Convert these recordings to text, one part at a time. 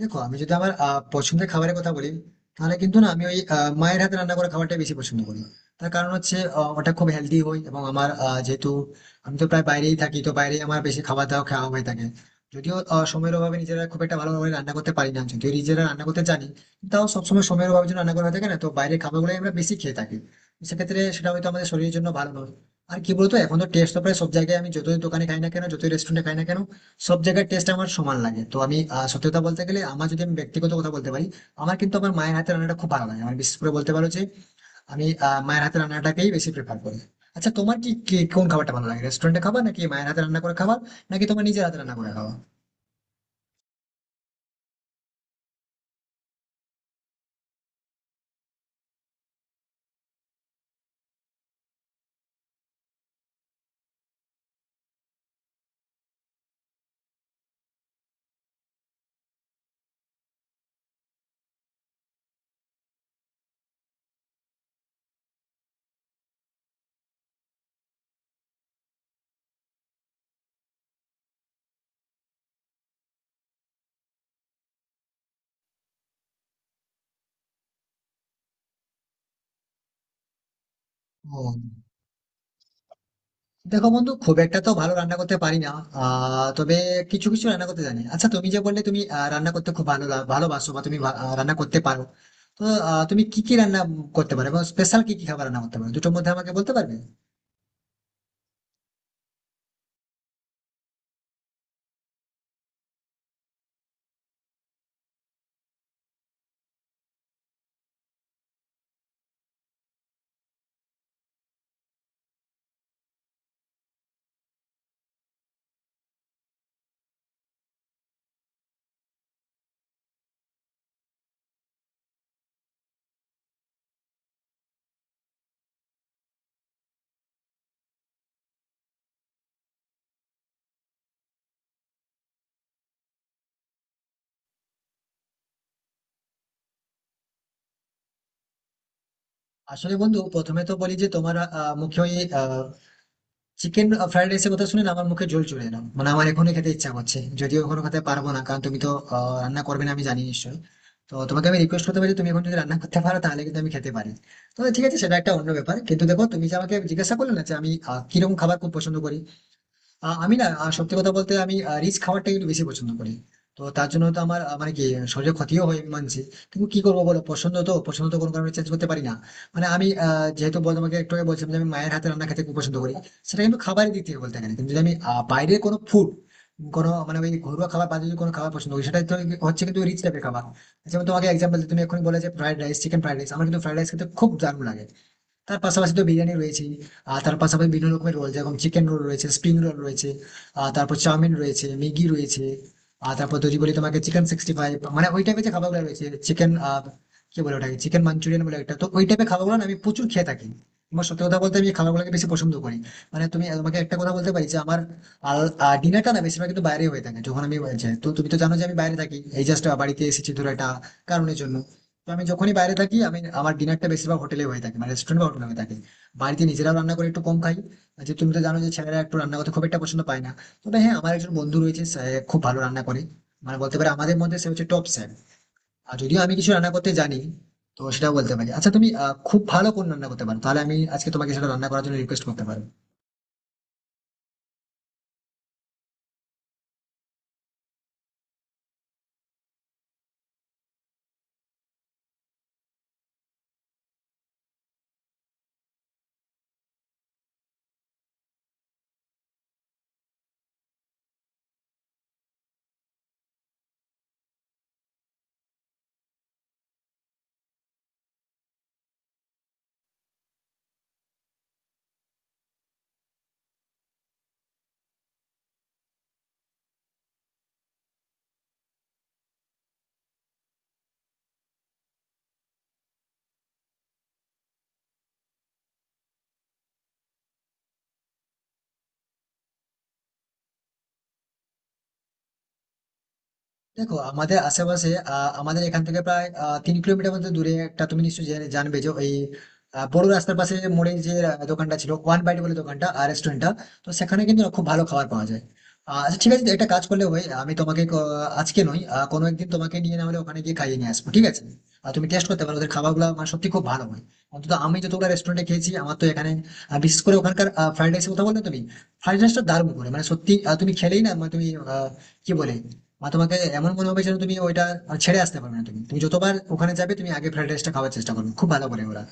দেখো, আমি যদি আমার পছন্দের খাবারের কথা বলি, তাহলে কিন্তু না আমি ওই মায়ের হাতে রান্না করা খাবারটাই বেশি পছন্দ করি। তার কারণ হচ্ছে, ওটা খুব হেলদি হয়, এবং আমার যেহেতু আমি তো প্রায় বাইরেই থাকি, তো বাইরেই আমার বেশি খাবার দাওয়া খাওয়া হয়ে থাকে। যদিও সময়ের অভাবে নিজেরা খুব একটা ভালোভাবে রান্না করতে পারি না, যদিও নিজেরা রান্না করতে জানি। তাও সবসময় সময়ের অভাবের জন্য রান্না করা হয়ে থাকে না, তো বাইরের খাবারগুলোই আমরা বেশি খেয়ে থাকি। তো সেক্ষেত্রে সেটা হয়তো আমাদের শরীরের জন্য ভালো নয়। আর কি বলতো, এখন তো টেস্ট তো প্রায় সব জায়গায়, আমি যতই দোকানে খাই না কেন, যতই রেস্টুরেন্টে খাই না কেন, সব জায়গার টেস্ট আমার সমান লাগে। তো আমি সত্যি কথা বলতে গেলে, আমার যদি আমি ব্যক্তিগত কথা বলতে পারি, আমার, কিন্তু আমার মায়ের হাতের রান্নাটা খুব ভালো লাগে। আমার বিশেষ করে বলতে পারো যে আমি মায়ের হাতের রান্নাটাকেই বেশি প্রেফার করি। আচ্ছা, তোমার কি কি- কোন খাবারটা ভালো লাগে? রেস্টুরেন্টে খাবার, নাকি মায়ের হাতে রান্না করে খাবার, নাকি তোমার নিজের হাতে রান্না করে খাওয়া? ও, দেখো বন্ধু, খুব একটা তো ভালো রান্না করতে পারি না। তবে কিছু কিছু রান্না করতে জানি। আচ্ছা, তুমি যে বললে তুমি রান্না করতে খুব ভালোবাসো, বা তুমি রান্না করতে পারো। তো তুমি কি কি রান্না করতে পারো এবং স্পেশাল কি কি খাবার রান্না করতে পারো, দুটোর মধ্যে আমাকে বলতে পারবে? আসলে বন্ধু, প্রথমে তো বলি যে তোমার মুখে ওই চিকেন ফ্রাইড রাইসের কথা শুনে না আমার মুখে জল চলে এলো। মানে আমার এখনই খেতে ইচ্ছা করছে, যদিও এখনো খেতে পারবো না, কারণ তুমি তো রান্না করবে না আমি জানি নিশ্চয়ই। তো তোমাকে আমি রিকোয়েস্ট করতে পারি, তুমি এখন যদি রান্না করতে পারো তাহলে কিন্তু আমি খেতে পারি। তো ঠিক আছে, সেটা একটা অন্য ব্যাপার। কিন্তু দেখো, তুমি যে আমাকে জিজ্ঞাসা করলে না যে আমি কিরকম খাবার খুব পছন্দ করি। আমি না সত্যি কথা বলতে আমি রিচ খাবারটা কিন্তু বেশি পছন্দ করি। তো তার জন্য তো আমার মানে কি, শরীরে ক্ষতিও হয় আমি মানছি। কিন্তু কি করবো বলো, পছন্দ তো পছন্দ, তো কোনো কারণে চেঞ্জ করতে পারি না। মানে আমি যেহেতু তোমাকে একটু আগে বলছিলাম যে আমি মায়ের হাতে রান্না খেতে খুব পছন্দ করি। সেটা কিন্তু খাবারের দিক থেকে বলতে গেলে, কিন্তু যদি আমি বাইরের কোনো ফুড, কোনো মানে ওই ঘরোয়া খাবার বাদে যদি কোনো খাবার পছন্দ করি, সেটা তো হচ্ছে কিন্তু রিচ টাইপের খাবার। যেমন তোমাকে এক্সাম্পল, তুমি এখন বলে যে fried rice, chicken fried rice. আমার কিন্তু ফ্রাইড রাইস খেতে খুব দারুণ লাগে। তার পাশাপাশি তো বিরিয়ানি রয়েছে। আর তার পাশাপাশি বিভিন্ন রকমের রোল, যেরকম চিকেন রোল রয়েছে, স্প্রিং রোল রয়েছে। আর তারপর চাউমিন রয়েছে, ম্যাগি রয়েছে। আর তারপর যদি বলি তোমাকে চিকেন 65, মানে ওই টাইপের যে খাবারগুলো রয়েছে। চিকেন, কি বলে ওটাকে, চিকেন মাঞ্চুরিয়ান বলে একটা। তো ওই টাইপের খাবারগুলো না আমি প্রচুর খেয়ে থাকি। আমার সত্যি কথা বলতে আমি এই খাবারগুলোকে বেশি পছন্দ করি। মানে তোমাকে একটা কথা বলতে পারি যে আমার ডিনারটা না বেশিরভাগ কিন্তু বাইরে হয়ে থাকে, যখন আমি বাইরে যাই। তো তুমি তো জানো যে আমি বাইরে থাকি, এই জাস্ট বাড়িতে এসেছি ধরো একটা কারণের জন্য। তো আমি যখনই বাইরে থাকি, আমি আমার ডিনারটা বেশিরভাগ হোটেলে হয়ে থাকে, মানে রেস্টুরেন্ট বা হোটেলে হয়ে থাকে। বাড়িতে নিজেরাও রান্না করে একটু কম খাই। আর যে, তুমি তো জানো যে ছেলেরা একটু রান্না করতে খুব একটা পছন্দ পায় না। তবে হ্যাঁ, আমার একজন বন্ধু রয়েছে, সে খুব ভালো রান্না করে। মানে বলতে পারে, আমাদের মধ্যে সে হচ্ছে টপ শেফ। আর যদিও আমি কিছু রান্না করতে জানি, তো সেটাও বলতে পারি। আচ্ছা, তুমি খুব ভালো কোন রান্না করতে পারো, তাহলে আমি আজকে তোমাকে সেটা রান্না করার জন্য রিকোয়েস্ট করতে পারবো। দেখো, আমাদের আশেপাশে আমাদের এখান থেকে প্রায় 3 কিলোমিটার মতো দূরে একটা, তুমি নিশ্চয়ই জানবে, যে ওই বড় রাস্তার পাশে মোড়ে যে দোকানটা ছিল ওয়ান বাইট বলে, দোকানটা আর রেস্টুরেন্টটা। তো সেখানে কিন্তু খুব ভালো খাবার পাওয়া যায়। আচ্ছা ঠিক আছে, একটা কাজ করলে হয়, আমি তোমাকে আজকে নয় কোনো একদিন তোমাকে নিয়ে না হলে ওখানে গিয়ে খাইয়ে নিয়ে আসবো, ঠিক আছে? আর তুমি টেস্ট করতে পারো ওদের খাবারগুলো, মানে সত্যি খুব ভালো হয়। অন্তত আমি যতগুলো রেস্টুরেন্টে খেয়েছি, আমার তো এখানে বিশেষ করে ওখানকার ফ্রাইড রাইসের কথা বললে, তুমি ফ্রাইড রাইসটা দারুণ করে, মানে সত্যি তুমি খেলেই না, মানে তুমি কি বলে, বা তোমাকে এমন মনে হবে যেন তুমি ওইটা আর ছেড়ে আসতে পারবে না। তুমি তুমি যতবার ওখানে যাবে তুমি আগে ফ্রাইড রাইসটা খাওয়ার চেষ্টা করবে, খুব ভালো করে ওরা।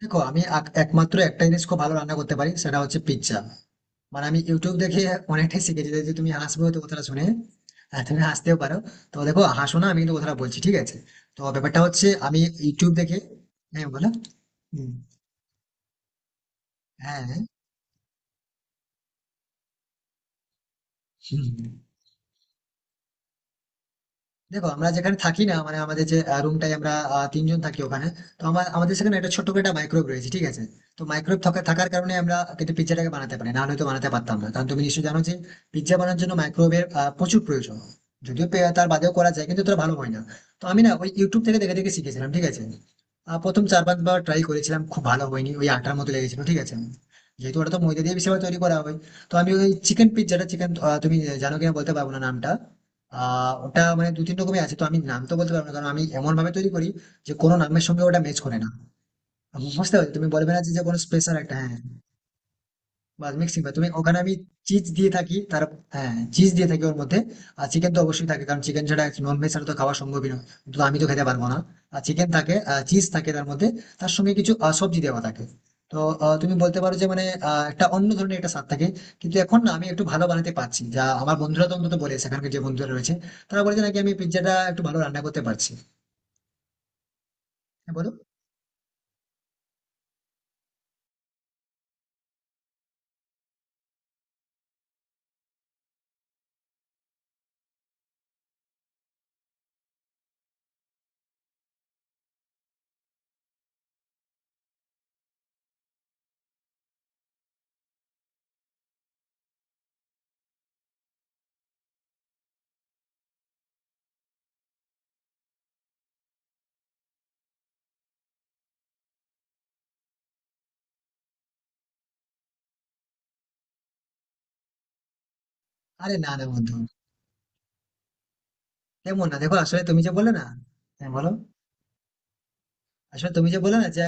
দেখো, আমি একমাত্র একটা জিনিস খুব ভালো রান্না করতে পারি, সেটা হচ্ছে পিৎজা। মানে আমি ইউটিউব দেখে অনেকটাই শিখেছি, যে তুমি হাসবে হয়তো কথাটা শুনে। আর তুমি হাসতেও পারো। তো দেখো, হাসো না, আমি কিন্তু কথাটা বলছি, ঠিক আছে। তো ব্যাপারটা হচ্ছে আমি ইউটিউব দেখে। হ্যাঁ, বলো। হুম, হ্যাঁ, হুম। দেখো, আমরা যেখানে থাকি না, মানে আমাদের যে রুমটাই, আমরা তিনজন থাকি ওখানে। তো আমাদের সেখানে একটা ছোট্ট করে একটা মাইক্রোওয়েভ রয়েছে, ঠিক আছে। তো মাইক্রোওয়েভ থাকার কারণে আমরা কিন্তু পিৎজাটাকে বানাতে পারি, না হলে তো বানাতে পারতাম না, কারণ তুমি নিশ্চয়ই জানো যে পিৎজা বানানোর জন্য মাইক্রোওয়েভের প্রচুর প্রয়োজন। যদিও তার বাদেও করা যায়, কিন্তু তোরা ভালো হয় না। তো আমি না ওই ইউটিউব থেকে দেখে দেখে শিখেছিলাম, ঠিক আছে। প্রথম চার পাঁচবার ট্রাই করেছিলাম, খুব ভালো হয়নি, ওই আটার মতো লেগেছিল, ঠিক আছে। যেহেতু ওটা তো ময়দা দিয়ে বেশিরভাগ তৈরি করা হয়। তো আমি ওই চিকেন পিৎজাটা, চিকেন, তুমি জানো কিনা বলতে পারবো না নামটা। ওটা মানে দু তিন রকমের আছে, তো আমি নাম তো বলতে পারবো না, কারণ আমি এমন ভাবে তৈরি করি যে কোনো নামের সঙ্গে ওটা ম্যাচ করে না। বুঝতে পারছো? তুমি বলবে না যে যে কোনো স্পেশাল একটা, হ্যাঁ। বাস, মিক্সিং ভাই তুমি ওখানে, আমি চিজ দিয়ে থাকি তার। হ্যাঁ, চিজ দিয়ে থাকি ওর মধ্যে। আর চিকেন তো অবশ্যই থাকে, কারণ চিকেন ছাড়া, নন ভেজ ছাড়া তো খাওয়া সম্ভবই নয়। তো আমি তো খেতে পারবো না। আর চিকেন থাকে, চিজ থাকে তার মধ্যে। তার সঙ্গে কিছু সবজি দেওয়া থাকে। তো তুমি বলতে পারো যে মানে একটা অন্য ধরনের একটা স্বাদ থাকে। কিন্তু এখন না আমি একটু ভালো বানাতে পারছি, যা আমার বন্ধুরা তো অন্তত বলে, সেখানকার যে বন্ধুরা রয়েছে, তারা বলেছে নাকি আমি পিৎজাটা একটু ভালো রান্না করতে পারছি। হ্যাঁ, বলো। আরে না না বন্ধু, কেমন না দেখো, আসলে তুমি যে বলে না হ্যাঁ, বলো। আসলে তুমি যে বলে না যে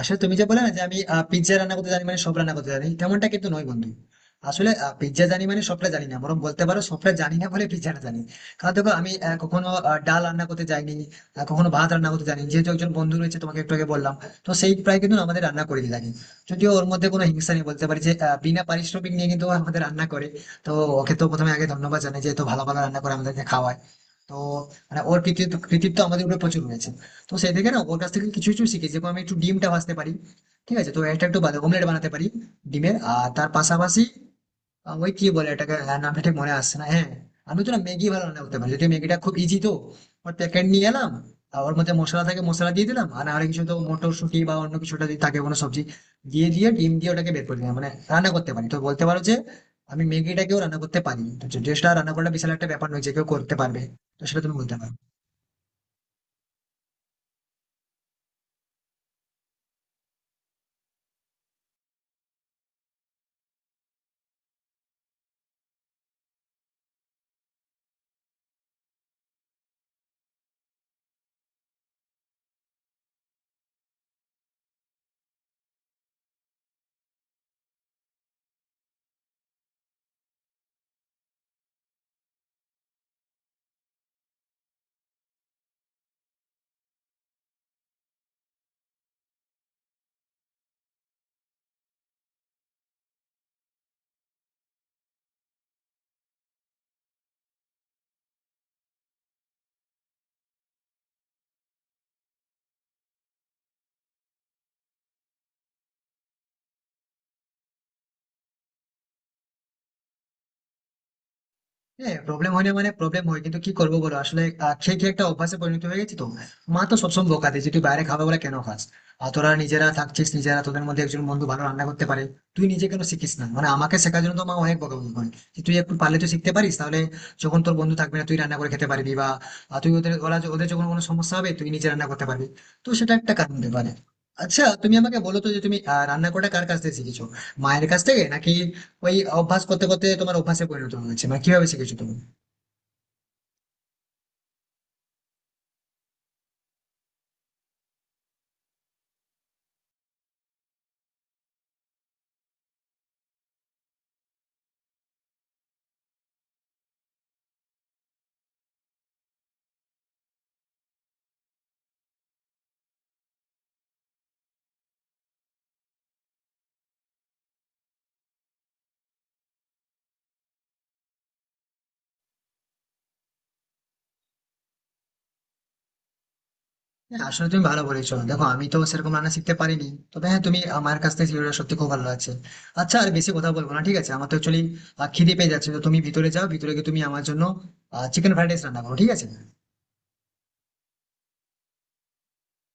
আসলে তুমি যে বলে না যে আমি পিৎজা রান্না করতে জানি মানে সব রান্না করতে জানি তেমনটা কিন্তু নয়, বন্ধু। আসলে পিৎজা জানি মানে সবটা জানি না, বরং বলতে পারো সবটা জানি না বলে পিৎজাটা জানি। কারণ দেখো, আমি কখনো ডাল রান্না করতে জানি, কখনো ভাত রান্না করতে জানি, যেহেতু একজন বন্ধু রয়েছে তোমাকে একটু আগে বললাম, তো সেই প্রায় কিন্তু আমাদের রান্না করে দিয়ে থাকে। যদিও ওর মধ্যে কোনো হিংসা নেই বলতে পারি, যে বিনা পারিশ্রমিক নিয়ে কিন্তু ও আমাদের রান্না করে। তো ওকে তো প্রথমে আগে ধন্যবাদ জানাই, যে এত ভালো ভালো রান্না করে আমাদেরকে খাওয়ায়। তো মানে ওর কৃতিত্ব কৃতিত্ব আমাদের উপরে প্রচুর রয়েছে। তো সেই থেকে না ওর কাছ থেকে কিছু কিছু শিখেছি, যেমন আমি একটু ডিমটা ভাজতে পারি, ঠিক আছে। তো এটা একটু অমলেট বানাতে পারি, ডিমের। আর তার পাশাপাশি ওই কি বলে এটাকে, হ্যাঁ, নামটা ঠিক মনে আসছে না, হ্যাঁ। আমি তো না ম্যাগি ভালো রান্না করতে পারি, যদি ম্যাগিটা খুব ইজি, তো ওর প্যাকেট নিয়ে এলাম, আর ওর মধ্যে মশলা থাকে, মশলা দিয়ে দিলাম, আর আর কিছু তো মটরশুঁটি বা অন্য কিছুটা যদি থাকে কোনো সবজি দিয়ে দিয়ে ডিম দিয়ে ওটাকে বের করে দিলাম, মানে রান্না করতে পারি। তো বলতে পারো যে আমি ম্যাগিটাকেও রান্না করতে পারি, তো ড্রেসটা রান্না করাটা বিশাল একটা ব্যাপার নয়, যে কেউ করতে পারবে। তো সেটা তুমি বলতে পারো। হ্যাঁ, প্রবলেম হয় না, মানে প্রবলেম হয়, কিন্তু কি করবো বলো, আসলে খেয়ে খেয়ে একটা অভ্যাসে পরিণত হয়ে গেছি তো। মা তো সবসময় বকা দেয়, যে তুই বাইরে খাবে বলে কেন খাস। আর তোরা নিজেরা থাকছিস, নিজেরা তোদের মধ্যে একজন বন্ধু ভালো রান্না করতে পারে, তুই নিজে কেন শিখিস না, মানে আমাকে শেখার জন্য তো মা অনেক বকাবকি করে, যে তুই একটু পারলে তো শিখতে পারিস, তাহলে যখন তোর বন্ধু থাকবে না তুই রান্না করে খেতে পারবি, বা তুই ওদের ওরা ওদের যখন কোনো সমস্যা হবে তুই নিজে রান্না করতে পারবি। তো সেটা একটা কারণ হতে পারে। আচ্ছা, তুমি আমাকে বলো তো, যে তুমি রান্না করাটা কার কাছ থেকে শিখেছো, মায়ের কাছ থেকে, নাকি ওই অভ্যাস করতে করতে তোমার অভ্যাসে পরিণত হয়েছে, মানে কিভাবে শিখেছো তুমি? হ্যাঁ, আসলে তুমি ভালো বলেছো। দেখো, আমি তো সেরকম রান্না শিখতে পারিনি। তবে হ্যাঁ, তুমি আমার কাছ থেকে ভিডিওটা সত্যি খুব ভালো লাগছে। আচ্ছা, আর বেশি কথা বলবো না, ঠিক আছে। আমার তো অ্যাকচুয়ালি খিদে পেয়ে যাচ্ছে, তো তুমি ভিতরে যাও, ভিতরে গিয়ে তুমি আমার জন্য চিকেন ফ্রাইড রাইস রান্না করো, ঠিক আছে?